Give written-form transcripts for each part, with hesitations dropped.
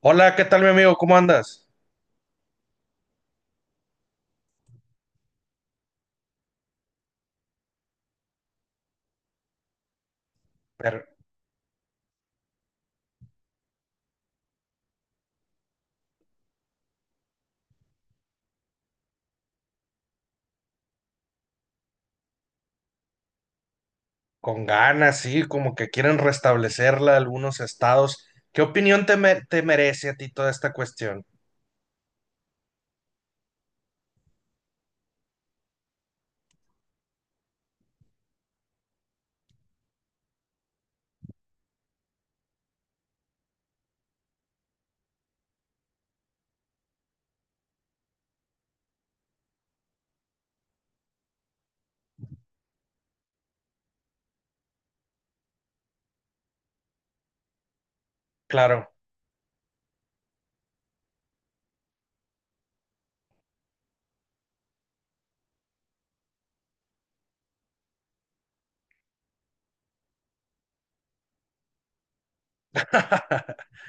Hola, ¿qué tal, mi amigo? ¿Cómo andas? Pero con ganas, sí, como que quieren restablecerla algunos estados. ¿Qué opinión te merece a ti toda esta cuestión? Claro.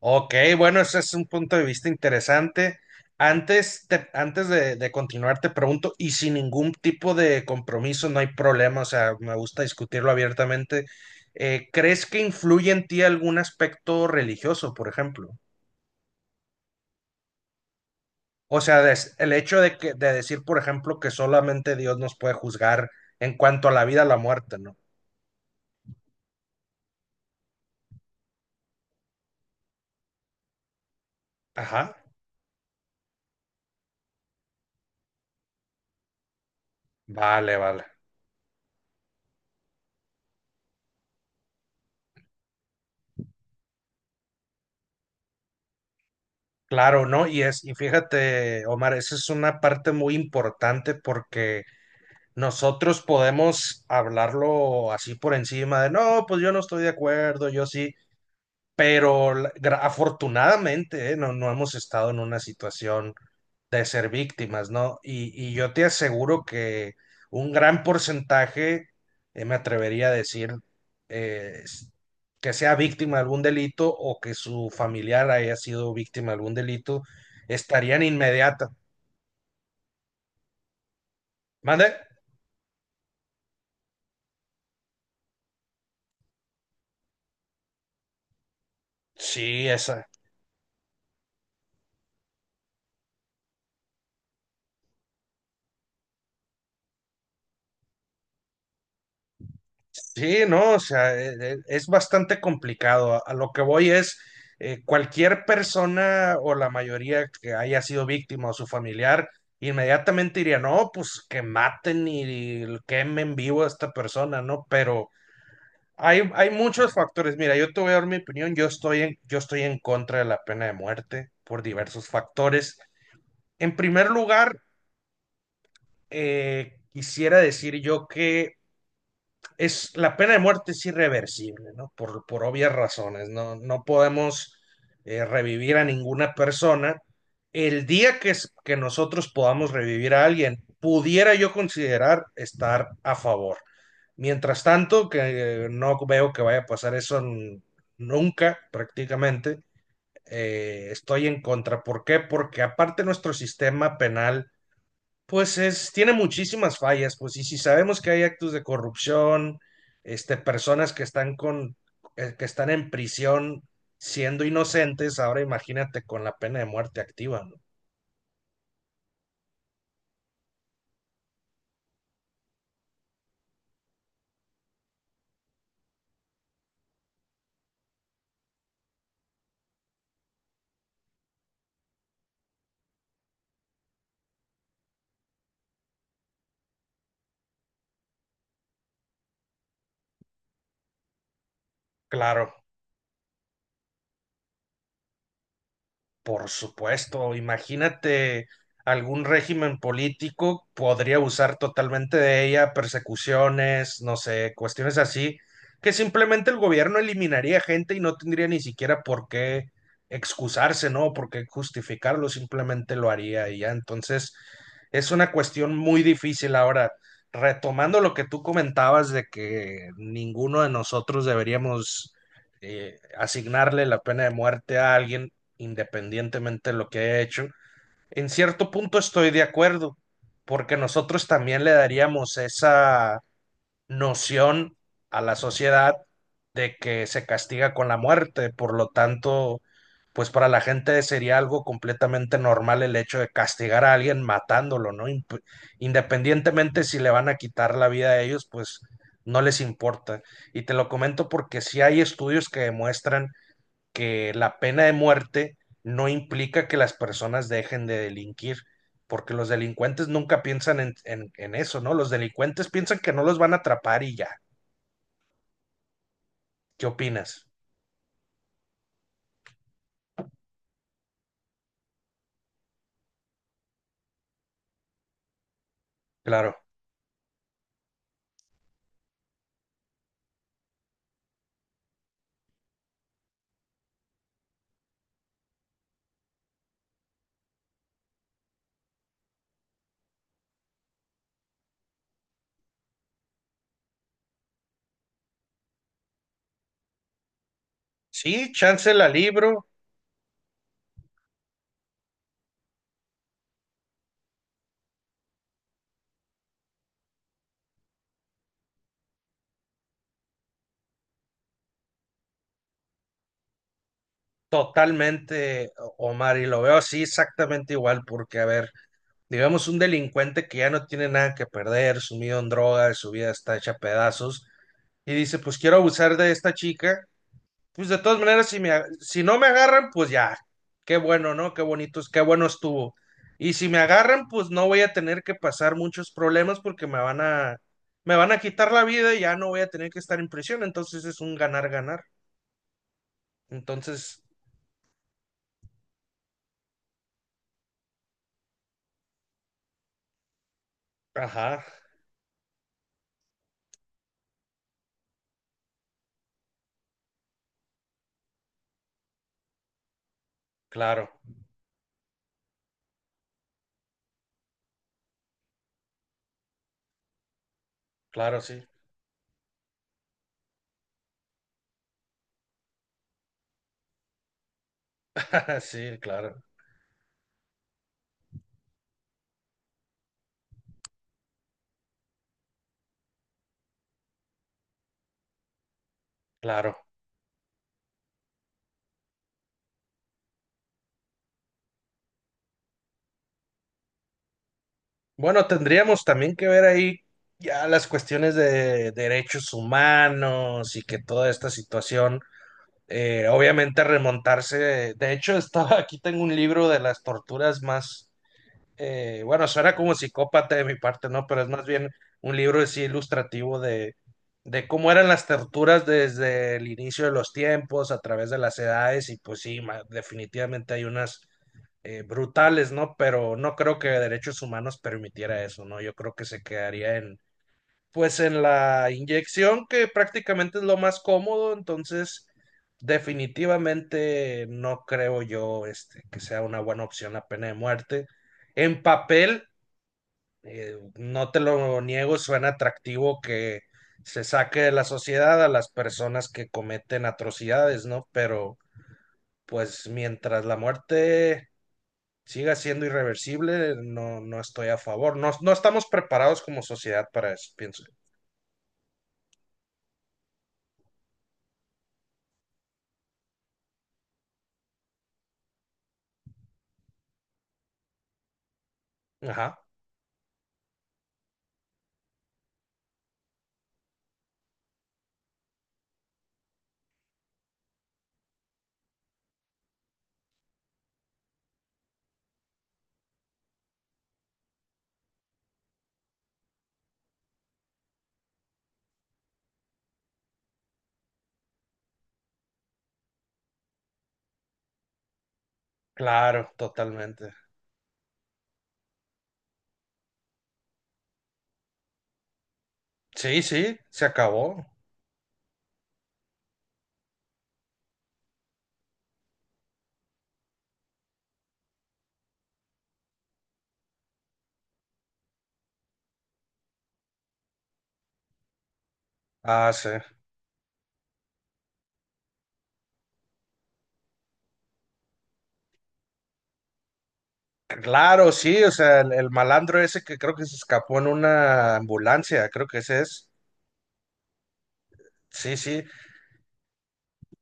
Ok, bueno, ese es un punto de vista interesante. Antes, antes de continuar, te pregunto, y sin ningún tipo de compromiso, no hay problema, o sea, me gusta discutirlo abiertamente. ¿Crees que influye en ti algún aspecto religioso, por ejemplo? O sea, el hecho de que de decir, por ejemplo, que solamente Dios nos puede juzgar en cuanto a la vida o la muerte, ¿no? Ajá. Vale, vale. Claro, ¿no? Y es, y fíjate, Omar, esa es una parte muy importante porque nosotros podemos hablarlo así por encima de, no, pues yo no estoy de acuerdo, yo sí, pero afortunadamente, no, no hemos estado en una situación de ser víctimas, ¿no? Y yo te aseguro que un gran porcentaje, me atrevería a decir, eh, s- que sea víctima de algún delito o que su familiar haya sido víctima de algún delito, estarían inmediata. ¿Mande? Sí, esa, sí, no, o sea, es bastante complicado. A lo que voy es, cualquier persona o la mayoría que haya sido víctima o su familiar, inmediatamente diría, no, pues que maten y quemen vivo a esta persona, ¿no? Pero hay muchos factores. Mira, yo te voy a dar mi opinión. Yo estoy en contra de la pena de muerte por diversos factores. En primer lugar, quisiera decir yo que es la pena de muerte es irreversible, ¿no? Por obvias razones, ¿no? No podemos revivir a ninguna persona. El día que nosotros podamos revivir a alguien, pudiera yo considerar estar a favor. Mientras tanto, que no veo que vaya a pasar eso nunca, prácticamente, estoy en contra. ¿Por qué? Porque aparte nuestro sistema penal pues es, tiene muchísimas fallas, pues, y si sabemos que hay actos de corrupción, este, personas que están con, que están en prisión siendo inocentes, ahora imagínate con la pena de muerte activa, ¿no? Claro. Por supuesto, imagínate algún régimen político podría usar totalmente de ella, persecuciones, no sé, cuestiones así, que simplemente el gobierno eliminaría gente y no tendría ni siquiera por qué excusarse, ¿no? Por qué justificarlo, simplemente lo haría y ya. Entonces, es una cuestión muy difícil ahora. Retomando lo que tú comentabas de que ninguno de nosotros deberíamos asignarle la pena de muerte a alguien, independientemente de lo que haya hecho. En cierto punto estoy de acuerdo, porque nosotros también le daríamos esa noción a la sociedad de que se castiga con la muerte, por lo tanto, pues para la gente sería algo completamente normal el hecho de castigar a alguien matándolo, ¿no? Independientemente si le van a quitar la vida a ellos, pues no les importa. Y te lo comento porque sí hay estudios que demuestran que la pena de muerte no implica que las personas dejen de delinquir, porque los delincuentes nunca piensan en eso, ¿no? Los delincuentes piensan que no los van a atrapar y ya. ¿Qué opinas? Claro. Sí, chance la libro totalmente, Omar, y lo veo así exactamente igual, porque, a ver, digamos, un delincuente que ya no tiene nada que perder, sumido en drogas, su vida está hecha a pedazos, y dice, pues quiero abusar de esta chica. Pues de todas maneras, si no me agarran, pues ya, qué bueno, ¿no? Qué bonito, qué bueno estuvo. Y si me agarran, pues no voy a tener que pasar muchos problemas porque me van a quitar la vida y ya no voy a tener que estar en prisión. Entonces es un ganar, ganar. Entonces, ajá, claro, claro, sí. Sí, claro, claro. Bueno, tendríamos también que ver ahí ya las cuestiones de derechos humanos y que toda esta situación obviamente remontarse. De hecho, estaba aquí tengo un libro de las torturas más, bueno, suena como psicópata de mi parte, ¿no? Pero es más bien un libro así ilustrativo de cómo eran las torturas desde el inicio de los tiempos, a través de las edades, y pues sí, definitivamente hay unas brutales, ¿no? Pero no creo que derechos humanos permitiera eso, ¿no? Yo creo que se quedaría en pues en la inyección, que prácticamente es lo más cómodo, entonces definitivamente no creo yo este, que sea una buena opción la pena de muerte. En papel, no te lo niego, suena atractivo que se saque de la sociedad a las personas que cometen atrocidades, ¿no? Pero pues mientras la muerte siga siendo irreversible, no, no estoy a favor. No, no estamos preparados como sociedad para eso, pienso. Ajá. Claro, totalmente. Sí, sí, se acabó. Ah, sí. Claro, sí, o sea, el malandro ese que creo que se escapó en una ambulancia, creo que ese es. Sí, sí.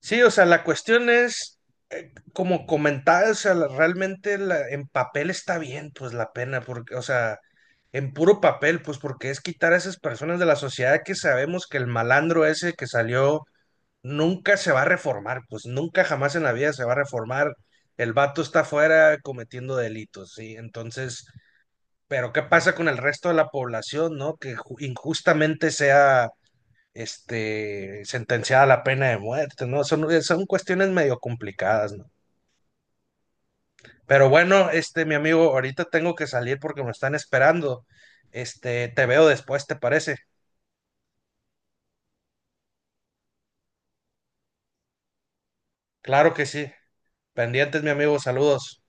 Sí, o sea, la cuestión es, como comentaba, o sea, realmente en papel está bien, pues la pena, porque, o sea, en puro papel, pues porque es quitar a esas personas de la sociedad que sabemos que el malandro ese que salió nunca se va a reformar, pues nunca jamás en la vida se va a reformar. El vato está afuera cometiendo delitos, ¿sí? Entonces, pero ¿qué pasa con el resto de la población, ¿no? Que injustamente sea, este, sentenciada a la pena de muerte, ¿no? Son, son cuestiones medio complicadas, ¿no? Pero bueno, este, mi amigo, ahorita tengo que salir porque me están esperando. Este, te veo después, ¿te parece? Claro que sí. Pendientes, mi amigo, saludos.